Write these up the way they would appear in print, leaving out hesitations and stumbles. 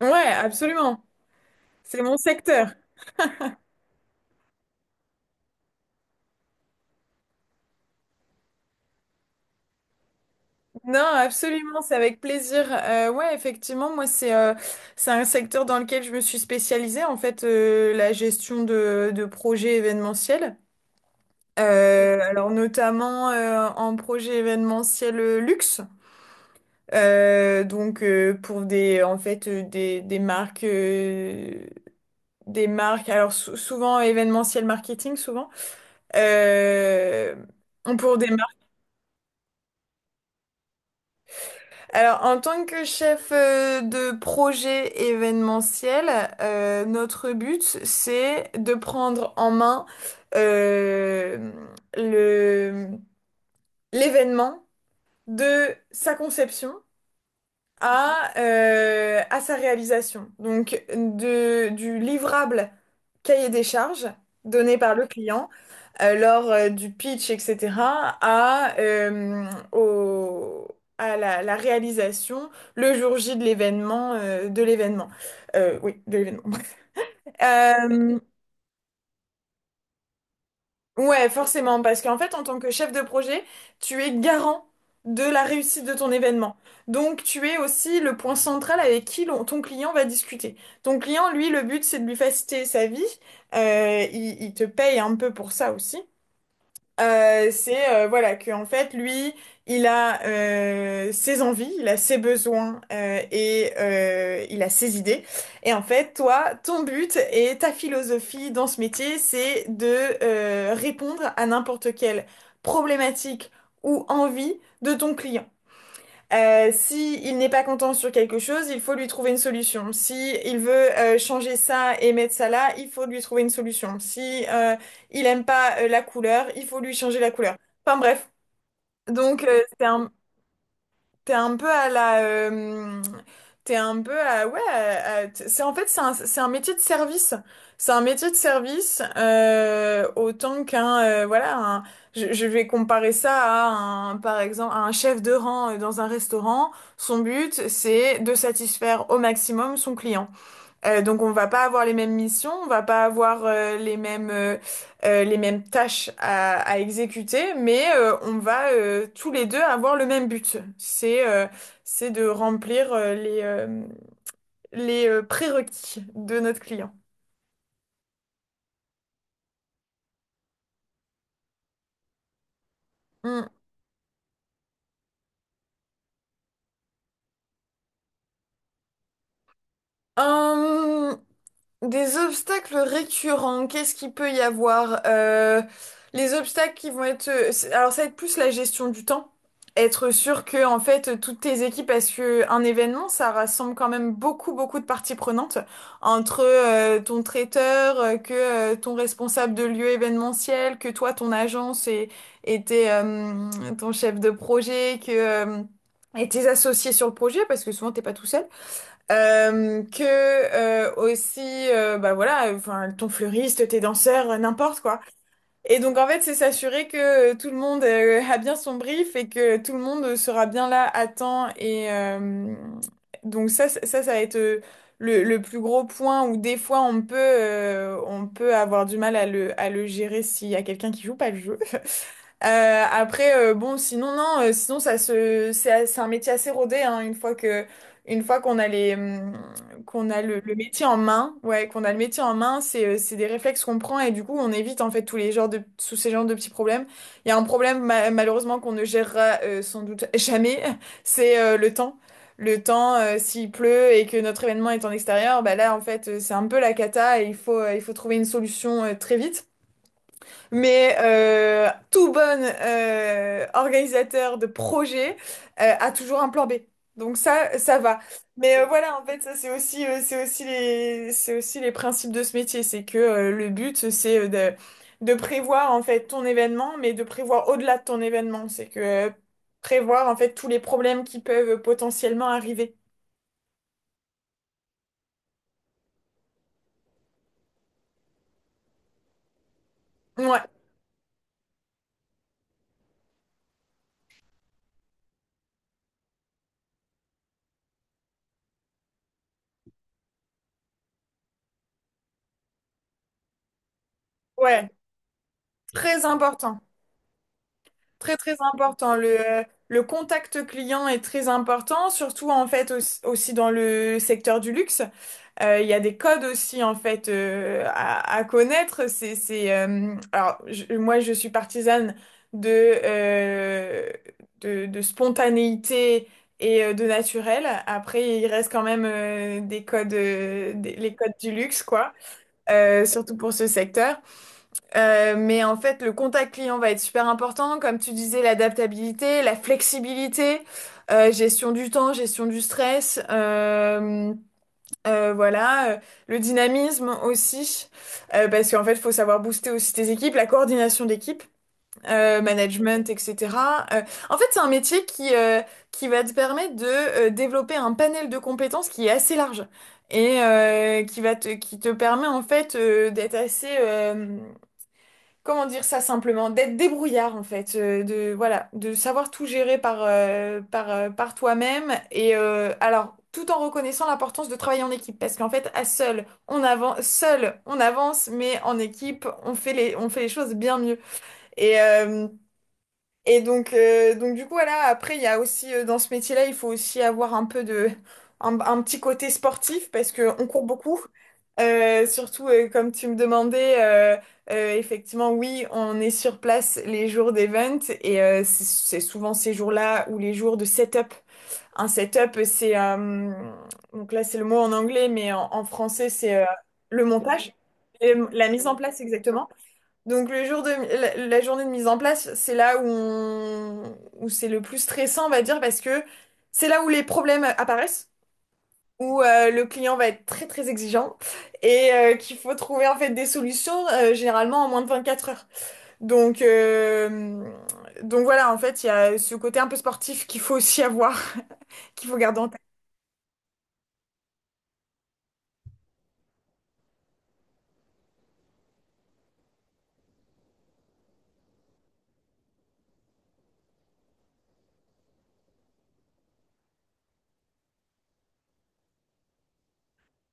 Ouais, absolument. C'est mon secteur. Non, absolument, c'est avec plaisir. Ouais, effectivement, moi, c'est un secteur dans lequel je me suis spécialisée, en fait, la gestion de projets événementiels. Alors, notamment en projet événementiel luxe. Donc, pour des, en fait, des marques, alors souvent événementiel marketing, souvent, euh, pour des. Alors, en tant que chef de projet événementiel, notre but, c'est de prendre en main euh, le, l'événement de sa conception à sa réalisation. Donc, de, du livrable cahier des charges donné par le client lors du pitch, etc., à, au- à la, la réalisation le jour J de l'événement, de l'événement. Oui, de l'événement. Euh, Ouais, forcément, parce qu'en fait, en tant que chef de projet, tu es garant de la réussite de ton événement. Donc, tu es aussi le point central avec qui ton client va discuter. Ton client, lui, le but, c'est de lui faciliter sa vie. Il te paye un peu pour ça aussi. C'est voilà que en fait lui il a ses envies, il a ses besoins il a ses idées, et en fait toi ton but et ta philosophie dans ce métier c'est de répondre à n'importe quelle problématique ou envie de ton client. Si il n'est pas content sur quelque chose, il faut lui trouver une solution. Si il veut changer ça et mettre ça là, il faut lui trouver une solution. Si il aime pas la couleur, il faut lui changer la couleur. Enfin bref, donc c'est un. T'es un peu à t'es un peu à, ouais, c'est en fait c'est un métier de service, c'est un métier de service autant qu'un, voilà, je vais comparer ça à un, par exemple, à un chef de rang dans un restaurant. Son but, c'est de satisfaire au maximum son client. Donc on va pas avoir les mêmes missions, on va pas avoir les mêmes tâches à exécuter, mais on va tous les deux avoir le même but. C'est de remplir les prérequis de notre client. Mm. Hum, Des obstacles récurrents, qu'est-ce qu'il peut y avoir? Les obstacles qui vont être... Alors ça va être plus la gestion du temps. Être sûr que en fait toutes tes équipes, parce que un événement, ça rassemble quand même beaucoup beaucoup de parties prenantes entre ton traiteur, que ton responsable de lieu événementiel, que toi ton agence, et tes, euh, ton chef de projet, que et tes associés sur le projet, parce que souvent t'es pas tout seul. Que Aussi bah voilà, enfin ton fleuriste, tes danseurs, n'importe quoi. Et donc en fait c'est s'assurer que tout le monde a bien son brief et que tout le monde sera bien là à temps, donc ça va être le plus gros point où des fois on peut avoir du mal à le gérer s'il y a quelqu'un qui joue pas le jeu. Après, bon, sinon, non, sinon, ça se, c'est, a- c'est un métier assez rodé, hein, une fois que, une fois qu'on a qu'on a le métier en main, ouais, qu'on a le métier en main, c'est des réflexes qu'on prend et du coup, on évite, en fait, tous ces genres de petits problèmes. Il y a un problème, malheureusement, qu'on ne gérera, sans doute jamais, c'est, le temps. Le temps, s'il pleut et que notre événement est en extérieur, bah là, en fait, c'est un peu la cata et il faut trouver une solution, très vite. Mais tout bon organisateur de projet a toujours un plan B. Donc ça va. Mais voilà, en fait, ça c'est aussi, c'est aussi les principes de ce métier. C'est que le but, c'est de prévoir en fait ton événement, mais de prévoir au-delà de ton événement. C'est que prévoir en fait tous les problèmes qui peuvent potentiellement arriver. Ouais, ouais, très important. Très très important. Le contact client est très important, surtout en fait aussi, aussi dans le secteur du luxe. Il y a des codes aussi en fait à connaître. Alors moi je suis partisane de, euh, de spontanéité de naturel. Après il reste quand même des codes, les codes du luxe quoi, surtout pour ce secteur. Mais en fait, le contact client va être super important, comme tu disais, l'adaptabilité, la flexibilité, gestion du temps, gestion du stress, voilà, le dynamisme aussi, parce qu'en fait, il faut savoir booster aussi tes équipes, la coordination d'équipe, management, etc. Euh, En fait, c'est un métier qui va te permettre de développer un panel de compétences qui est assez large, qui va te, qui te permet en fait d'être assez comment dire ça simplement, d'être débrouillard en fait, de voilà, de savoir tout gérer par toi-même, alors tout en reconnaissant l'importance de travailler en équipe, parce qu'en fait à seul on avance, mais en équipe on fait les choses bien mieux, et euh, donc du coup, voilà, après, il y a aussi, dans ce métier-là, il faut aussi avoir un peu de, un petit côté sportif parce que on court beaucoup. Surtout, comme tu me demandais, effectivement, oui, on est sur place les jours d'event, c'est souvent ces jours-là ou les jours de setup. Un setup, donc là, c'est le mot en anglais, mais en français, c'est le montage, et la mise en place, exactement. Donc le jour de la journée de mise en place, c'est là où où c'est le plus stressant, on va dire, parce que c'est là où les problèmes apparaissent, où le client va être très très exigeant, qu'il faut trouver en fait des solutions généralement en moins de 24 heures. Donc euh, donc voilà, en fait, il y a ce côté un peu sportif qu'il faut aussi avoir, qu'il faut garder en tête.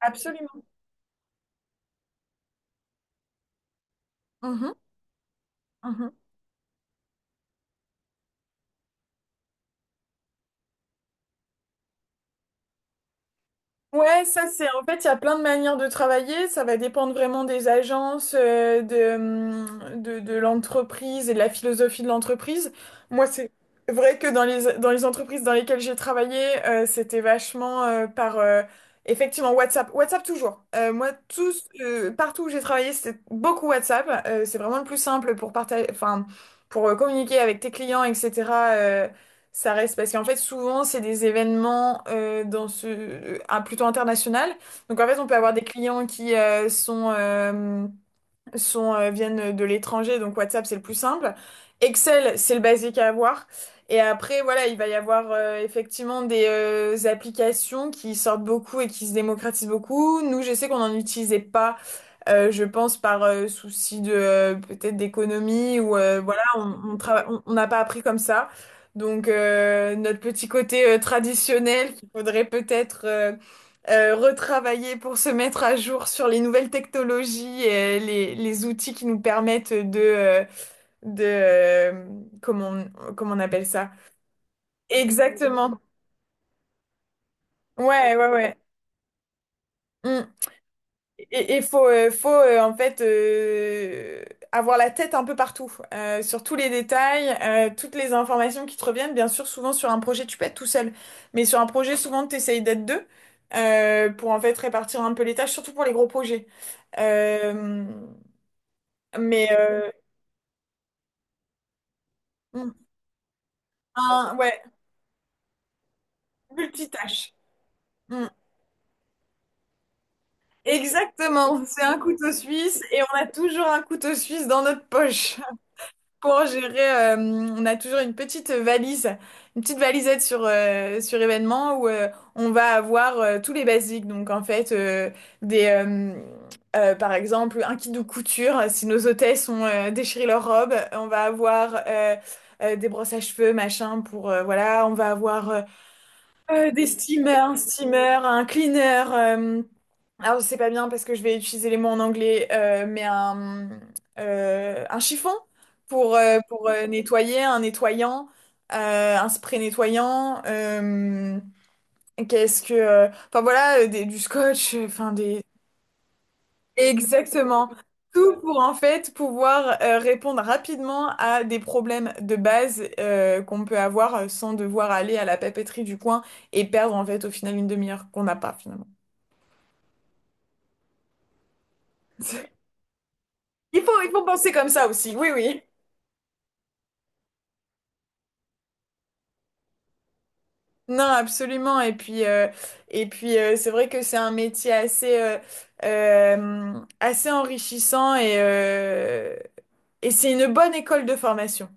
Absolument. Mhm, mhm. Ouais, ça c'est en fait il y a plein de manières de travailler, ça va dépendre vraiment des agences, de l'entreprise et de la philosophie de l'entreprise. Moi c'est vrai que dans dans les entreprises dans lesquelles j'ai travaillé, c'était vachement par effectivement WhatsApp. WhatsApp toujours. Moi tous partout où j'ai travaillé, c'était beaucoup WhatsApp. C'est vraiment le plus simple pour partager, enfin pour communiquer avec tes clients, etc. Ça reste parce qu'en fait souvent c'est des événements plutôt international. Donc en fait on peut avoir des clients qui sont sont viennent de l'étranger, donc WhatsApp c'est le plus simple. Excel c'est le basique à avoir. Et après voilà il va y avoir effectivement des applications qui sortent beaucoup et qui se démocratisent beaucoup. Nous je sais qu'on n'en utilisait pas, je pense par souci de peut-être d'économie, ou voilà, on on n'a pas appris comme ça. Donc notre petit côté traditionnel qu'il faudrait peut-être retravailler pour se mettre à jour sur les nouvelles technologies et les outils qui nous permettent de comment on, comment on appelle ça? Exactement. Ouais, ouais, ouais. Mm. Et il faut, en fait avoir la tête un peu partout, sur tous les détails, toutes les informations qui te reviennent. Bien sûr, souvent sur un projet, tu peux être tout seul, mais sur un projet, souvent, tu essayes d'être deux pour en fait répartir un peu les tâches, surtout pour les gros projets. Euh, mais euh, mm, ouais, multitâche. Mm. Exactement, c'est un couteau suisse et on a toujours un couteau suisse dans notre poche, pour gérer, on a toujours une petite valise, une petite valisette sur, sur événement où on va avoir tous les basiques. Donc en fait, des, euh, par exemple, un kit de couture, si nos hôtesses ont déchiré leur robe, on va avoir des brosses à cheveux, machin, pour, voilà, on va avoir des steamers, un steamer, un cleaner. Alors, c'est pas bien parce que je vais utiliser les mots en anglais, un chiffon pour nettoyer, un nettoyant, un spray nettoyant. Qu'est-ce que. Enfin, voilà, du scotch, enfin, des. Exactement. Tout pour en fait pouvoir répondre rapidement à des problèmes de base qu'on peut avoir sans devoir aller à la papeterie du coin et perdre en fait au final une demi-heure qu'on n'a pas finalement. Il faut penser comme ça aussi, oui, oui. Non, absolument. Et puis, c'est vrai que c'est un métier assez, euh, assez enrichissant, et c'est une bonne école de formation.